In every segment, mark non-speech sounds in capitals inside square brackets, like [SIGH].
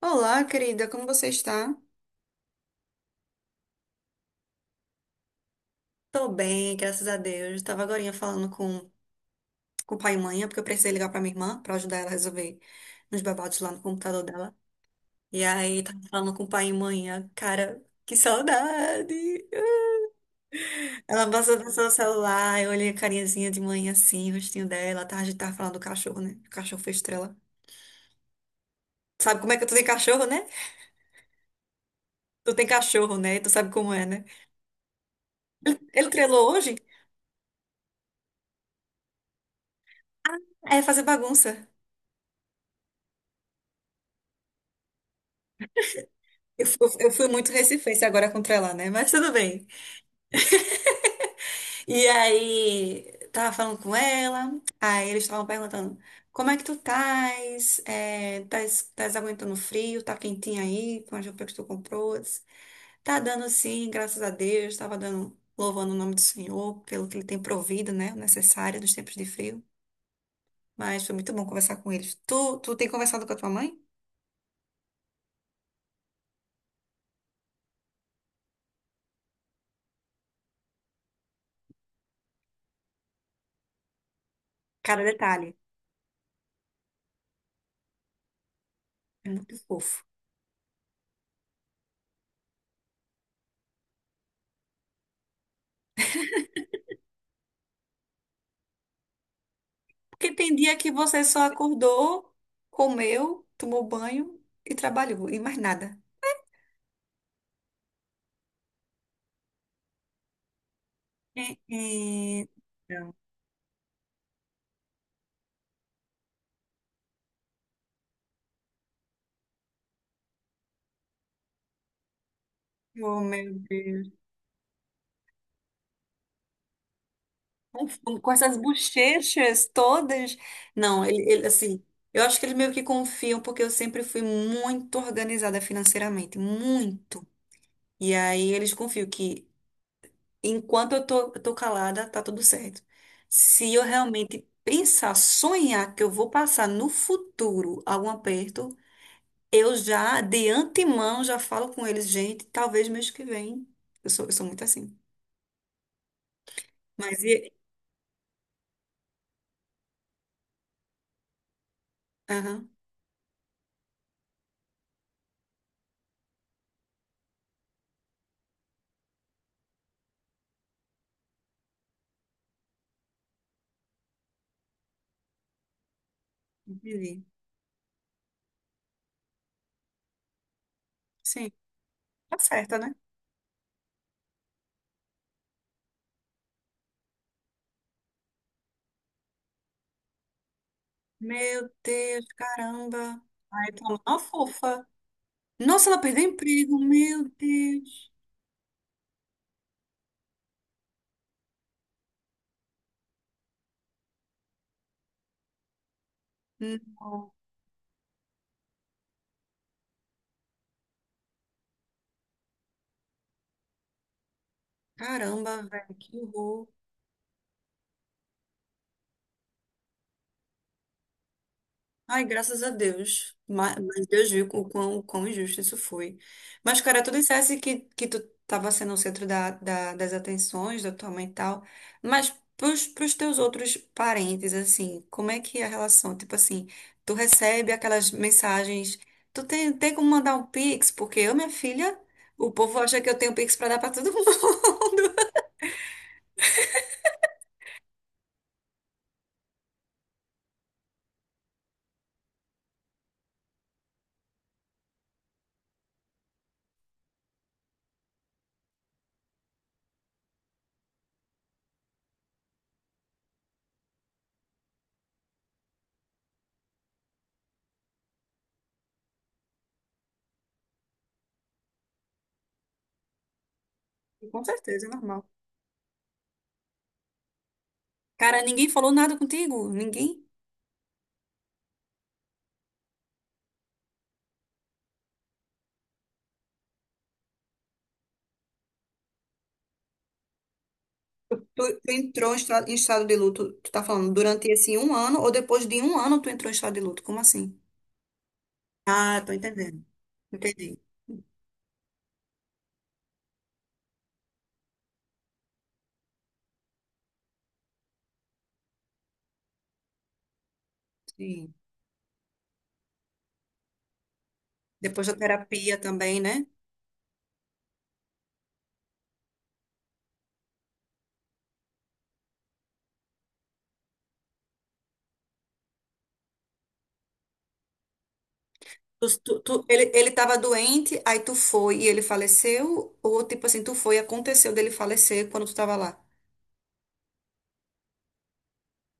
Olá, querida, como você está? Tô bem, graças a Deus. Tava agorinha falando com o pai e mãe, é porque eu precisei ligar pra minha irmã pra ajudar ela a resolver uns babados lá no computador dela. E aí, tava falando com o pai e mãe, cara, que saudade! Ela passou no seu celular, eu olhei a carinhazinha de mãe assim, o rostinho dela, tá? A gente tava falando do cachorro, né? O cachorro foi estrela. Sabe como é que tu tem cachorro, né? Tu tem cachorro, né? Tu sabe como é, né? Ele trelou hoje? É fazer bagunça. Eu fui muito recifense agora contra ela, né? Mas tudo bem. E aí, tava falando com ela, aí eles estavam perguntando, como é que tu tás? É, tás aguentando o frio? Tá quentinha aí com as roupas que tu comprou? Eu disse, tá dando sim, graças a Deus. Tava dando, louvando o nome do Senhor pelo que ele tem provido, né? O necessário dos tempos de frio. Mas foi muito bom conversar com eles. Tu tem conversado com a tua mãe? Cada detalhe. É muito fofo. Porque tem dia que você só acordou, comeu, tomou banho e trabalhou, e mais nada. É, é, não. Oh, meu Deus. Com fome, com essas bochechas todas. Não, ele, assim, eu acho que eles meio que confiam, porque eu sempre fui muito organizada financeiramente, muito. E aí eles confiam que enquanto eu tô calada, tá tudo certo. Se eu realmente pensar, sonhar que eu vou passar no futuro algum aperto, eu já, de antemão, já falo com eles, gente, talvez mês que vem. Eu sou muito assim. Mas e. Aham, entendi. Sim, tá certa, né? Meu Deus, caramba. Ai, tá uma fofa. Nossa, ela perdeu o emprego, meu Deus. Não, caramba, velho, que horror. Ai, graças a Deus. Mas Deus viu o quão injusto isso foi. Mas, cara, tu dissesse que tu estava sendo o centro das atenções da tua mãe e tal. Mas pros teus outros parentes, assim, como é que é a relação? Tipo assim, tu recebe aquelas mensagens. Tu tem como mandar um Pix? Porque eu, minha filha, o povo acha que eu tenho Pix pra dar pra todo mundo. [LAUGHS] Com certeza, é normal. Cara, ninguém falou nada contigo? Ninguém? Tu entrou em estado de luto, tu tá falando, durante esse um ano ou depois de um ano tu entrou em estado de luto? Como assim? Ah, tô entendendo. Entendi. Sim. Depois da terapia também, né? Ele tava doente, aí tu foi e ele faleceu? Ou tipo assim, tu foi e aconteceu dele falecer quando tu tava lá?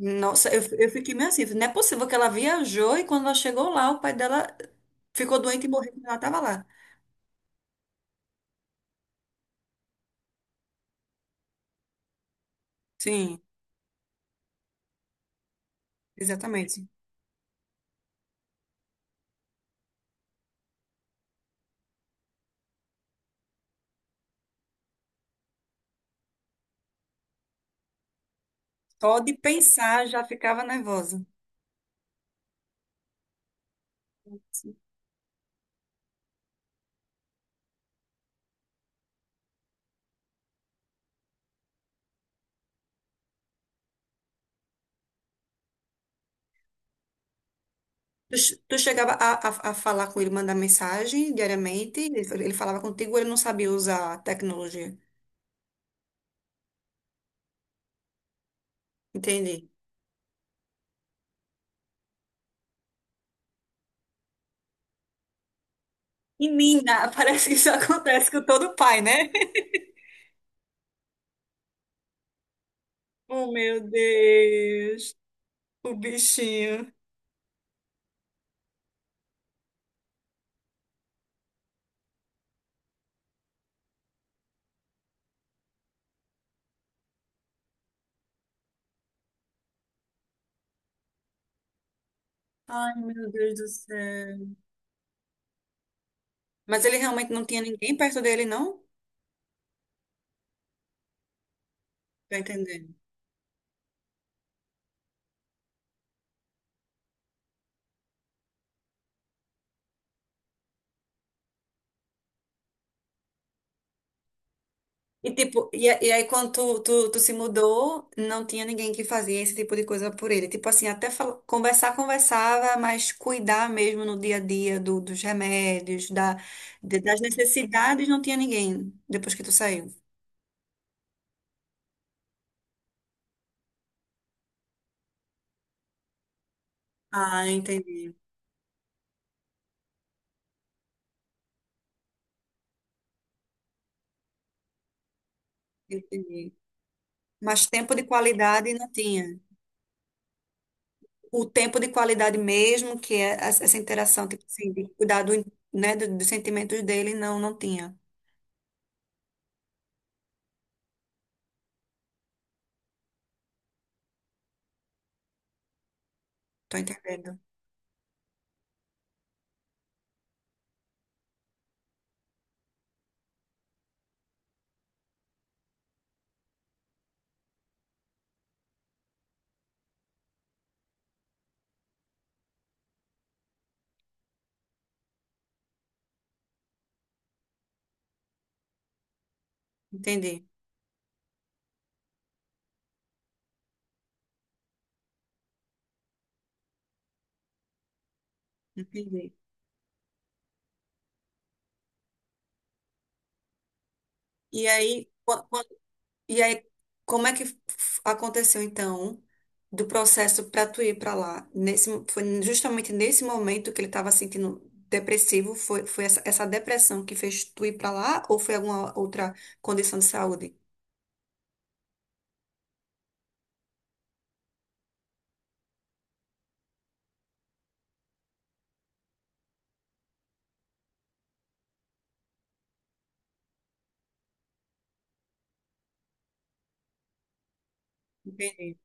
Nossa, eu fiquei meio assim, não é possível que ela viajou e quando ela chegou lá, o pai dela ficou doente e morreu quando ela tava lá. Sim, exatamente. Só de pensar já ficava nervosa. Tu chegava a falar com ele, mandar mensagem diariamente, ele falava contigo, ou ele não sabia usar a tecnologia. Entendi. E mina, [LAUGHS] parece que isso acontece com todo pai, né? [LAUGHS] Oh, meu Deus, o bichinho. Ai, meu Deus do céu. Mas ele realmente não tinha ninguém perto dele, não? Tá entendendo? E tipo, e aí quando tu se mudou, não tinha ninguém que fazia esse tipo de coisa por ele. Tipo assim, até conversar, conversava, mas cuidar mesmo no dia a dia dos remédios, das necessidades, não tinha ninguém depois que tu saiu. Ah, entendi, entendi. Mas tempo de qualidade não tinha. O tempo de qualidade mesmo, que é essa interação, tipo assim, de cuidar né, dos sentimentos dele, não, não tinha. Tô entendendo. Entendi, entendi. E aí, quando, e aí, como é que aconteceu então do processo para tu ir para lá? Nesse, foi justamente nesse momento que ele estava sentindo depressivo, foi essa depressão que fez tu ir para lá ou foi alguma outra condição de saúde? Entendi.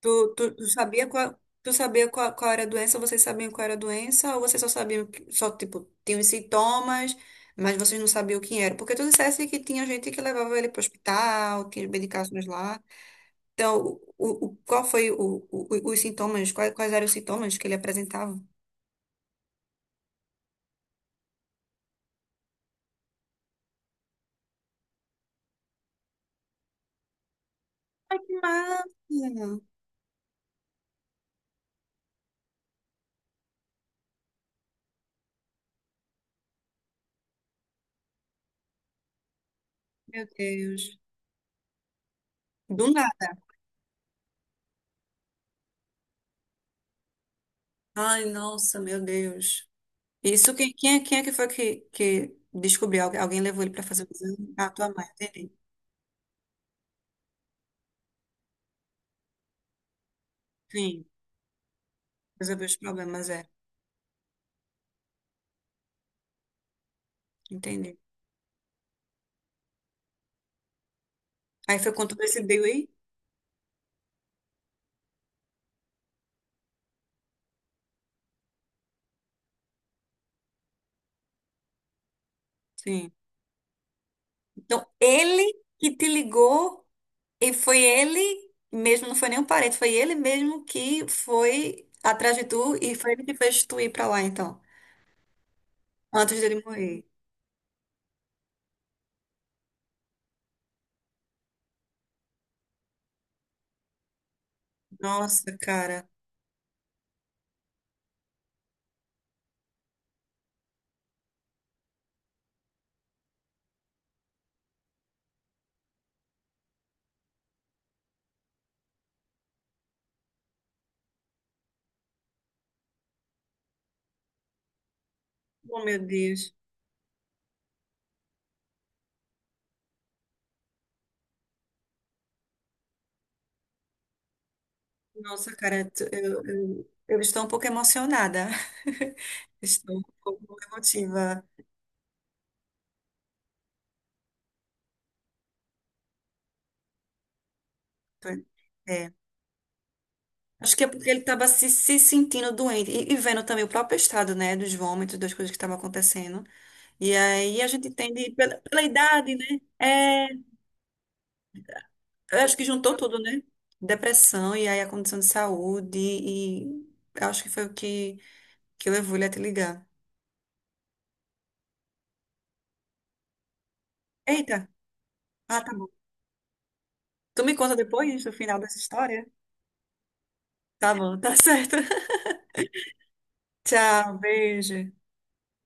Tu sabia qual, qual era a doença, vocês sabiam qual era a doença ou vocês só sabiam que, só tipo tinham os sintomas, mas vocês não sabiam o que era? Porque tu dissesse que tinha gente que levava ele para o hospital, tinha medicações lá. Então, qual foi os sintomas? Quais eram os sintomas que ele apresentava? Ai, que massa! Meu Deus. Do nada. Ai, nossa, meu Deus. Isso, quem é que foi que descobriu? Alguém levou ele para fazer o exame? Ah, tua mãe, entendi. Sim, resolveu os problemas, é. Entendi. Aí foi quando tu percebeu aí? Sim. Então, ele que te ligou e foi ele mesmo, não foi nem um parente, foi ele mesmo que foi atrás de tu e foi ele que fez tu ir pra lá, então, antes dele morrer. Nossa, cara. Oh, meu Deus. Nossa, cara, eu estou um pouco emocionada. [LAUGHS] Estou um pouco emotiva. Tô- É. Acho que é porque ele estava se sentindo doente e vendo também o próprio estado, né, dos vômitos, das coisas que estavam acontecendo. E aí a gente entende pela idade, né? É, eu acho que juntou tudo, né? Depressão e aí a condição de saúde e eu acho que foi o que levou ele a te ligar. Eita, ah, tá bom. Tu me conta depois do final dessa história? Tá bom, tá certo. [LAUGHS] Tchau, beijo.